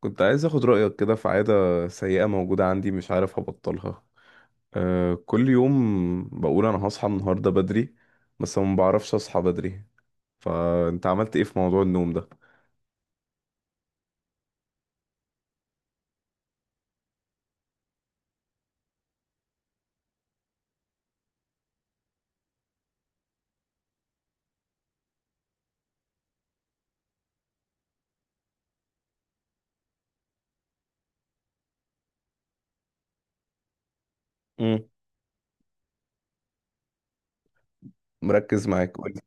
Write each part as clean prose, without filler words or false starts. كنت عايز اخد رأيك كده في عادة سيئة موجودة عندي، مش عارف ابطلها. كل يوم بقول انا هصحى النهاردة بدري، بس ما بعرفش اصحى بدري. فانت عملت ايه في موضوع النوم ده؟ امم. مركز معاك، قولي.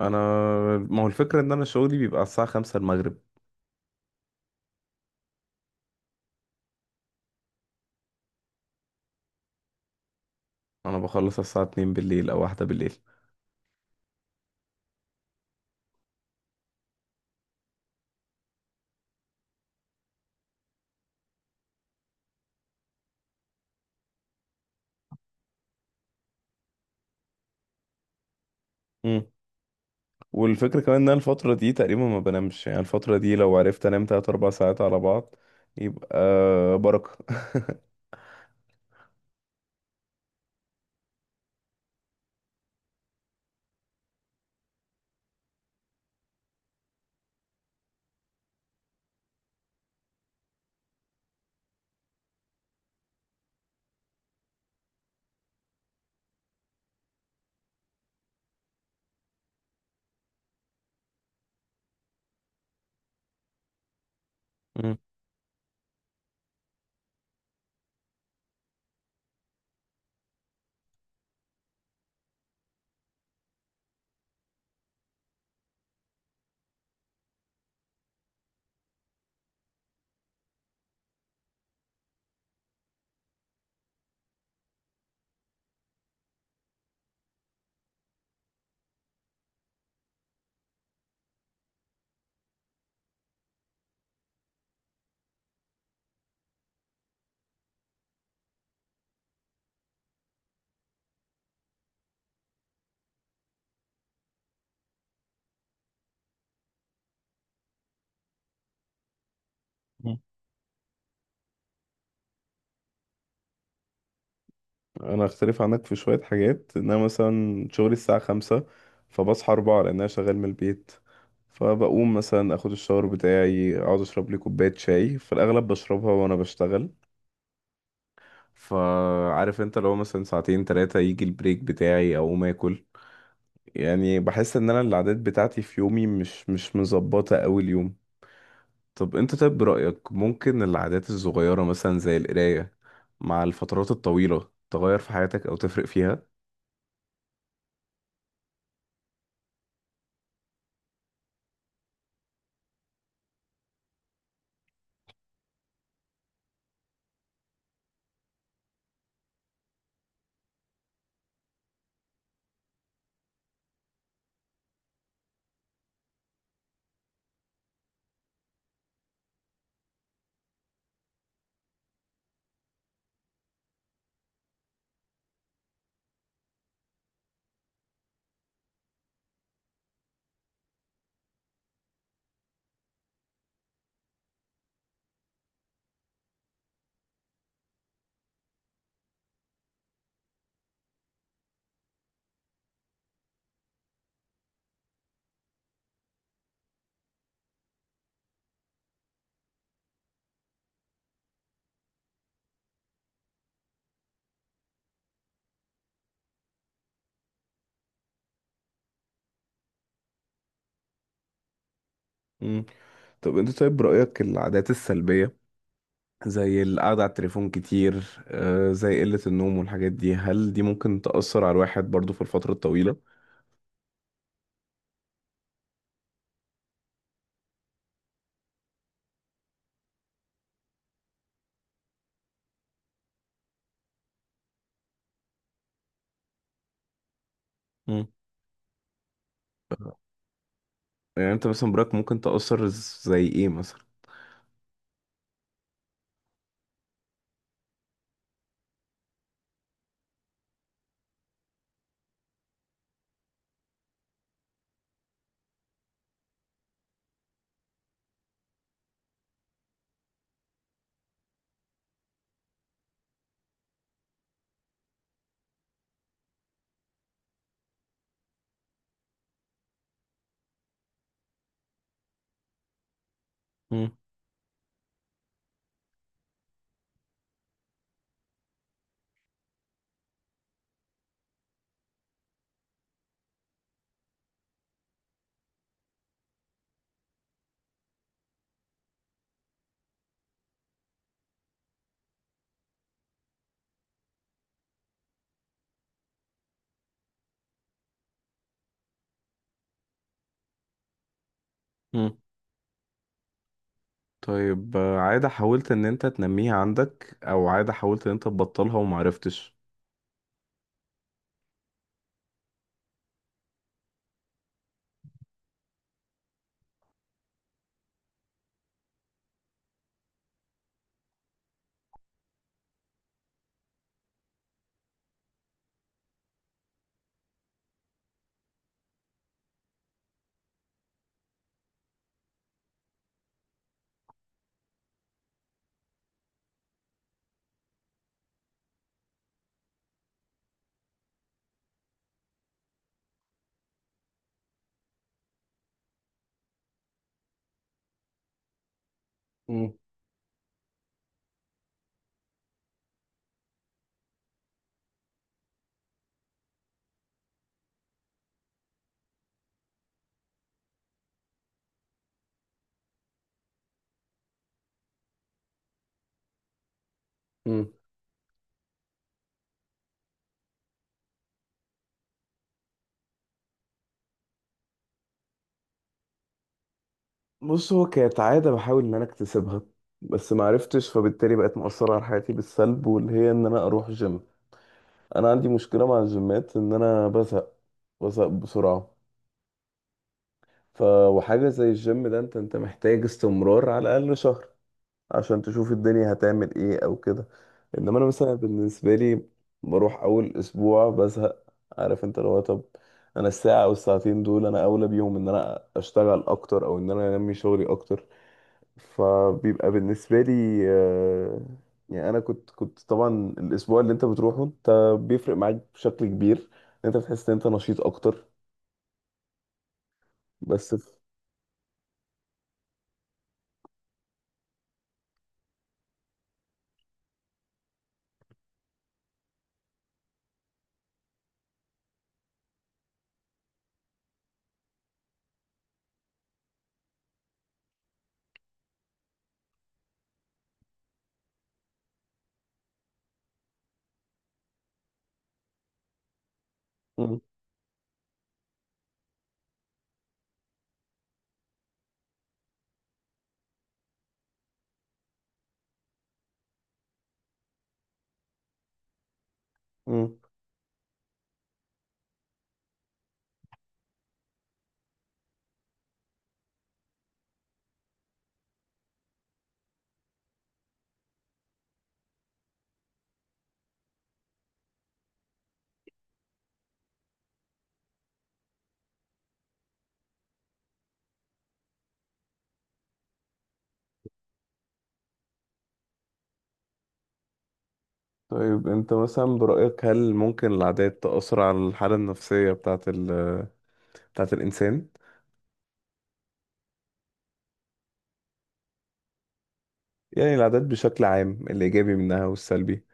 انا ما هو الفكرة ان انا شغلي بيبقى الساعة 5 المغرب. انا بخلص الساعة 2 بالليل او واحدة بالليل. امم. والفكرة كمان ان انا الفترة دي تقريبا ما بنامش، يعني الفترة دي لو عرفت انام تلات اربع ساعات على بعض يبقى بركة. مم. انا اختلف عنك في شوية حاجات، ان انا مثلا شغلي الساعة 5 فبصحى 4 لان انا شغال من البيت. فبقوم مثلا اخد الشاور بتاعي، اقعد اشرب لي كوباية شاي، في الاغلب بشربها وانا بشتغل. فعارف انت لو مثلا ساعتين تلاتة يجي البريك بتاعي اقوم اكل. يعني بحس ان انا العادات بتاعتي في يومي مش مظبطة اوي اليوم. طب انت طيب برأيك ممكن العادات الصغيرة مثلا زي القراية مع الفترات الطويلة تغير في حياتك او تفرق فيها؟ طب انت طيب رأيك العادات السلبية زي القعدة على التليفون كتير، زي قلة النوم والحاجات دي، هل دي ممكن تأثر على الواحد برضو في الفترة الطويلة؟ مم. يعني انت مثلا برأيك ممكن تأثر زي ايه مثلا؟ مم. مم. طيب، عادة حاولت ان انت تنميها عندك او عادة حاولت ان انت تبطلها ومعرفتش؟ مم. مم. بص، هو كانت عادة بحاول ان انا اكتسبها بس معرفتش، فبالتالي بقت مؤثرة على حياتي بالسلب، واللي هي ان انا اروح جيم. انا عندي مشكله مع الجيمات ان انا بزهق، بزهق بسرعه. ف وحاجه زي الجيم ده انت محتاج استمرار على الاقل شهر عشان تشوف الدنيا هتعمل ايه او كده. انما انا مثلا بالنسبه لي بروح اول اسبوع بزهق. عارف انت لو. طب، انا الساعه او الساعتين دول انا اولى بيهم ان انا اشتغل اكتر او ان انا انمي شغلي اكتر. فبيبقى بالنسبة لي يعني أنا كنت طبعا الأسبوع اللي أنت بتروحه أنت بيفرق معاك بشكل كبير. أنت بتحس إن أنت نشيط أكتر. بس في. مم. مم. طيب، أنت مثلا برأيك هل ممكن العادات تأثر على الحالة النفسية بتاعة بتاعة الإنسان؟ يعني العادات بشكل عام، الإيجابي منها والسلبي.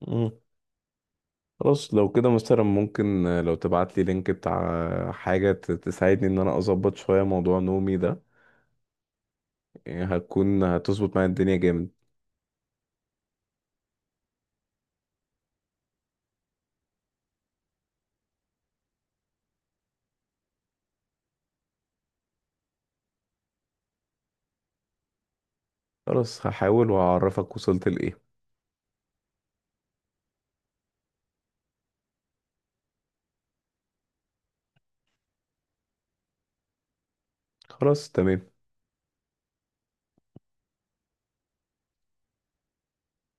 مم. خلاص، لو كده مثلا ممكن، لو تبعت لي لينك بتاع حاجة تساعدني إن أنا أظبط شوية موضوع نومي ده، يعني هتكون هتظبط معايا الدنيا جامد. خلاص، هحاول وهعرفك وصلت لإيه. خلاص، تمام.